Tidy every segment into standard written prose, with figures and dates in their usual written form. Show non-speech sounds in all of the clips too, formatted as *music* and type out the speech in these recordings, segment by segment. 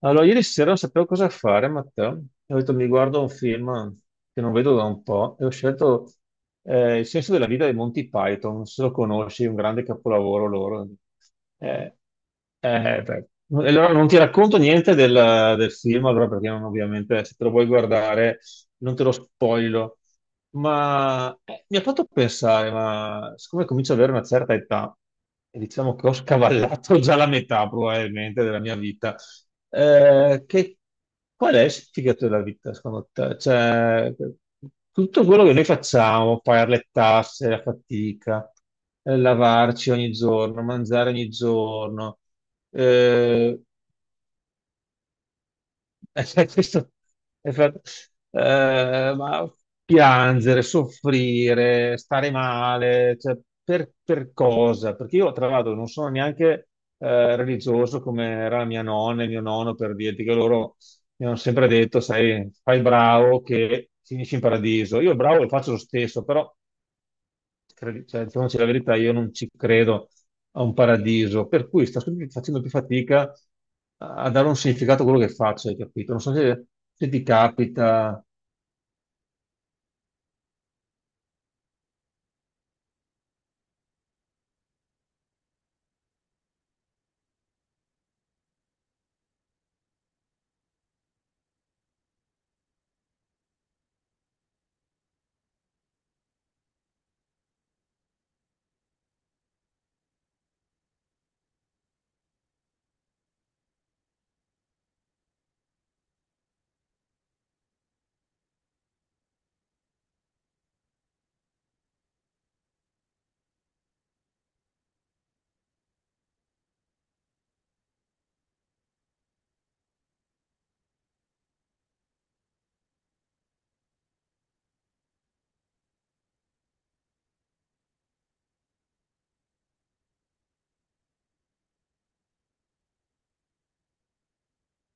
Allora, ieri sera non sapevo cosa fare, Matteo. E ho detto mi guardo un film che non vedo da un po' e ho scelto Il senso della vita dei Monty Python. Non so se lo conosci, è un grande capolavoro loro. Eh, Beh. Allora non ti racconto niente del film, allora perché non- ovviamente se te lo vuoi guardare non te lo spoilo. Ma mi ha fatto pensare, ma siccome comincio ad avere una certa età, e diciamo che ho scavallato già la metà probabilmente della mia vita, eh, che, qual è il significato della vita, secondo te? Cioè, tutto quello che noi facciamo, pagare le tasse, la fatica, lavarci ogni giorno, mangiare ogni giorno, eh, *laughs* Questo è fatto- ma piangere, soffrire, stare male, cioè, per cosa? Perché io, tra l'altro, non sono neanche religioso come era mia nonna e mio nonno, per dirti che loro mi hanno sempre detto, sai, fai il bravo che finisci in paradiso. Io il bravo lo faccio lo stesso, però cioè, diciamoci la verità, io non ci credo a un paradiso, per cui sto sempre facendo più fatica a dare un significato a quello che faccio, hai capito? Non so se, se ti capita,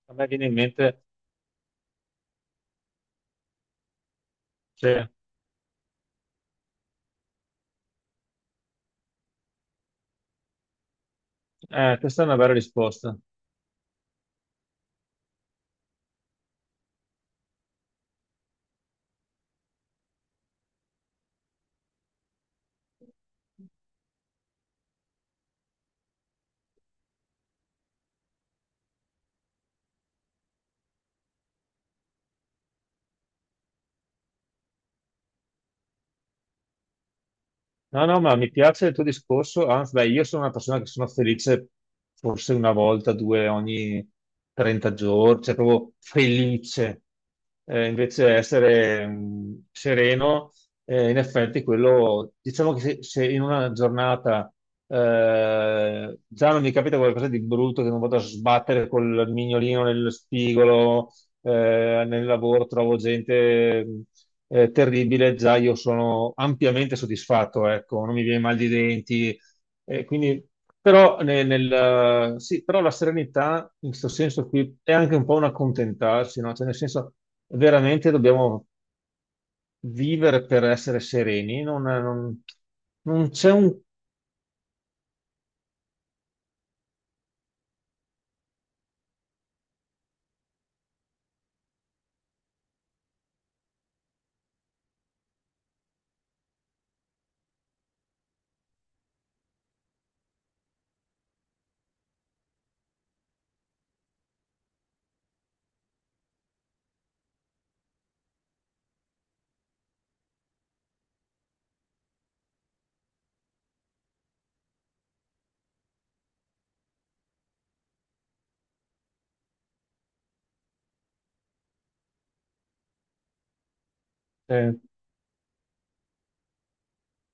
a me viene in mente, cioè, questa è una bella risposta. No, no, ma mi piace il tuo discorso, anzi, beh, io sono una persona che sono felice forse una volta, due ogni 30 giorni, cioè proprio felice. Invece essere sereno, in effetti quello, diciamo che se in una giornata già non mi capita qualcosa di brutto, che non vado a sbattere col mignolino nello spigolo, nel lavoro trovo gente terribile, già io sono ampiamente soddisfatto, ecco, non mi viene mal di denti. eh, quindi, però, sì, però la serenità in questo senso qui è anche un po' un accontentarsi, no? Cioè, nel senso, veramente dobbiamo vivere per essere sereni, non c'è un, eh,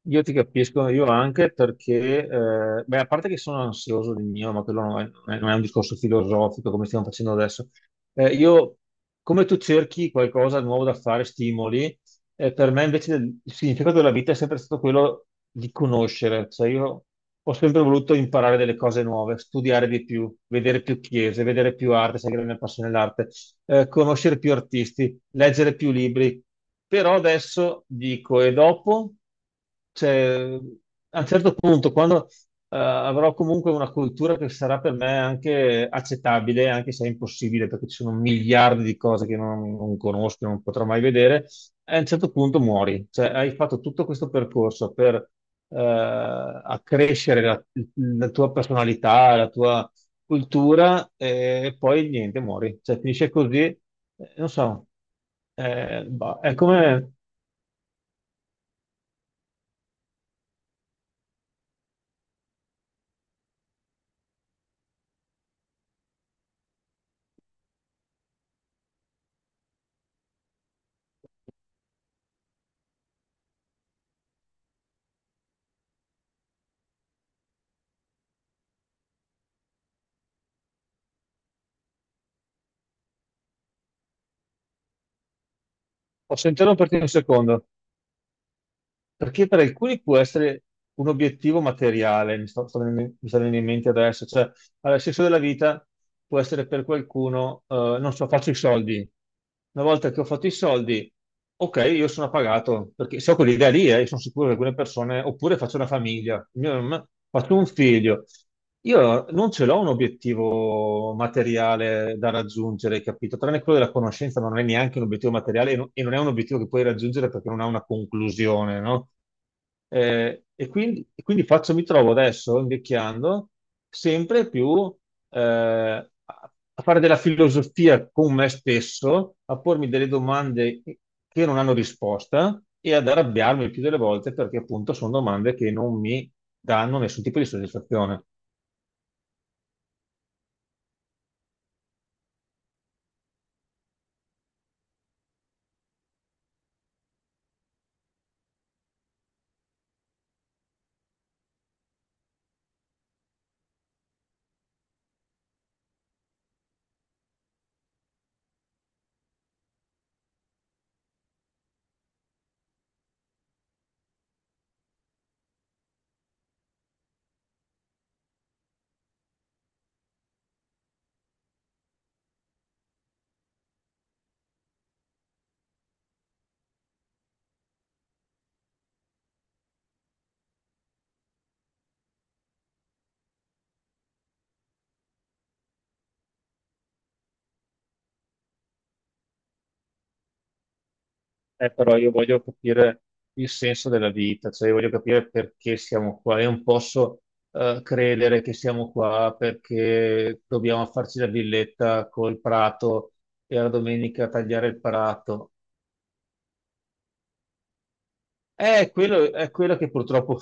Io ti capisco, io anche perché, beh, a parte che sono ansioso di mio, ma quello non è un discorso filosofico come stiamo facendo adesso. Eh, io, Come tu cerchi qualcosa di nuovo da fare, stimoli, per me invece il significato della vita è sempre stato quello di conoscere. Cioè io ho sempre voluto imparare delle cose nuove, studiare di più, vedere più chiese, vedere più arte, se hai grande passione nell'arte conoscere più artisti, leggere più libri. Però adesso dico, e dopo? Cioè, a un certo punto, quando avrò comunque una cultura che sarà per me anche accettabile, anche se è impossibile, perché ci sono miliardi di cose che non conosco, non potrò mai vedere, a un certo punto muori. Cioè, hai fatto tutto questo percorso per accrescere la tua personalità, la tua cultura e poi niente, muori. Cioè, finisce così, non so. Boh, è come... Posso interromperti un secondo? Perché per alcuni può essere un obiettivo materiale, mi sta venendo in mente adesso, cioè allora, il senso della vita può essere per qualcuno, non so, faccio i soldi. Una volta che ho fatto i soldi, ok, io sono pagato, perché se ho quell'idea lì, io sono sicuro che alcune persone, oppure faccio una famiglia, faccio un figlio. Io non ce l'ho un obiettivo materiale da raggiungere, capito? Tranne quello della conoscenza, ma non è neanche un obiettivo materiale e non è un obiettivo che puoi raggiungere perché non ha una conclusione, no? E quindi faccio, mi trovo adesso invecchiando sempre più a fare della filosofia con me stesso, a pormi delle domande che non hanno risposta e ad arrabbiarmi il più delle volte perché appunto sono domande che non mi danno nessun tipo di soddisfazione. Però io voglio capire il senso della vita, cioè io voglio capire perché siamo qua. Io non posso credere che siamo qua perché dobbiamo farci la villetta col prato e la domenica tagliare il prato. È quello, è quello che purtroppo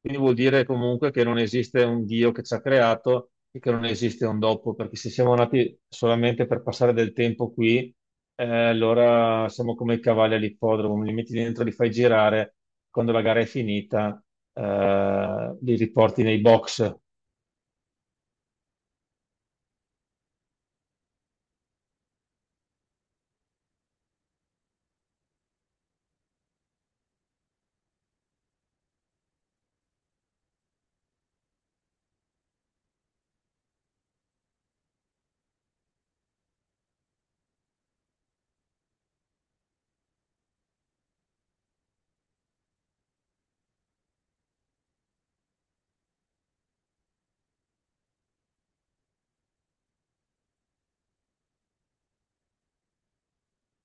quindi vuol dire comunque che non esiste un Dio che ci ha creato e che non esiste un dopo, perché se siamo nati solamente per passare del tempo qui, allora siamo come i cavalli all'ippodromo, li metti dentro, li fai girare, quando la gara è finita, li riporti nei box.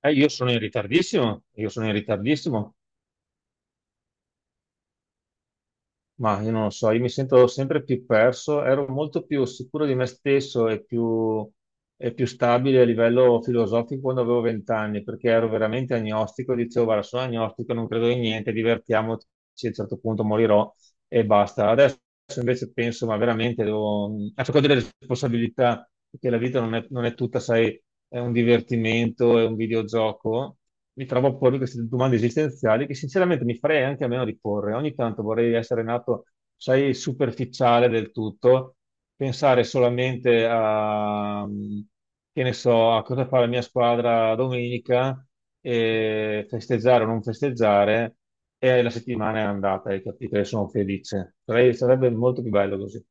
Io sono in ritardissimo, io sono in ritardissimo. Ma io non lo so, io mi sento sempre più perso, ero molto più sicuro di me stesso e più stabile a livello filosofico quando avevo vent'anni, perché ero veramente agnostico, dicevo, guarda, sono agnostico, non credo in niente, divertiamoci, a un certo punto morirò e basta. Adesso invece penso, ma veramente devo... Ecco, ho delle responsabilità, perché la vita non è tutta, sai, è un divertimento, è un videogioco. Mi trovo a pormi queste domande esistenziali che sinceramente mi farei anche a meno di porre. Ogni tanto vorrei essere nato, sai, superficiale del tutto, pensare solamente che ne so, a cosa fa la mia squadra domenica, e festeggiare o non festeggiare e la settimana è andata, hai capito? E sono felice. Sarebbe molto più bello così.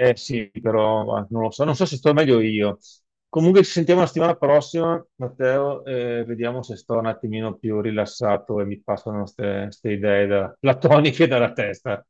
Eh sì, però ah, non lo so, non so se sto meglio io. Comunque ci sentiamo la settimana prossima, Matteo, e vediamo se sto un attimino più rilassato e mi passano queste idee platoniche dalla testa.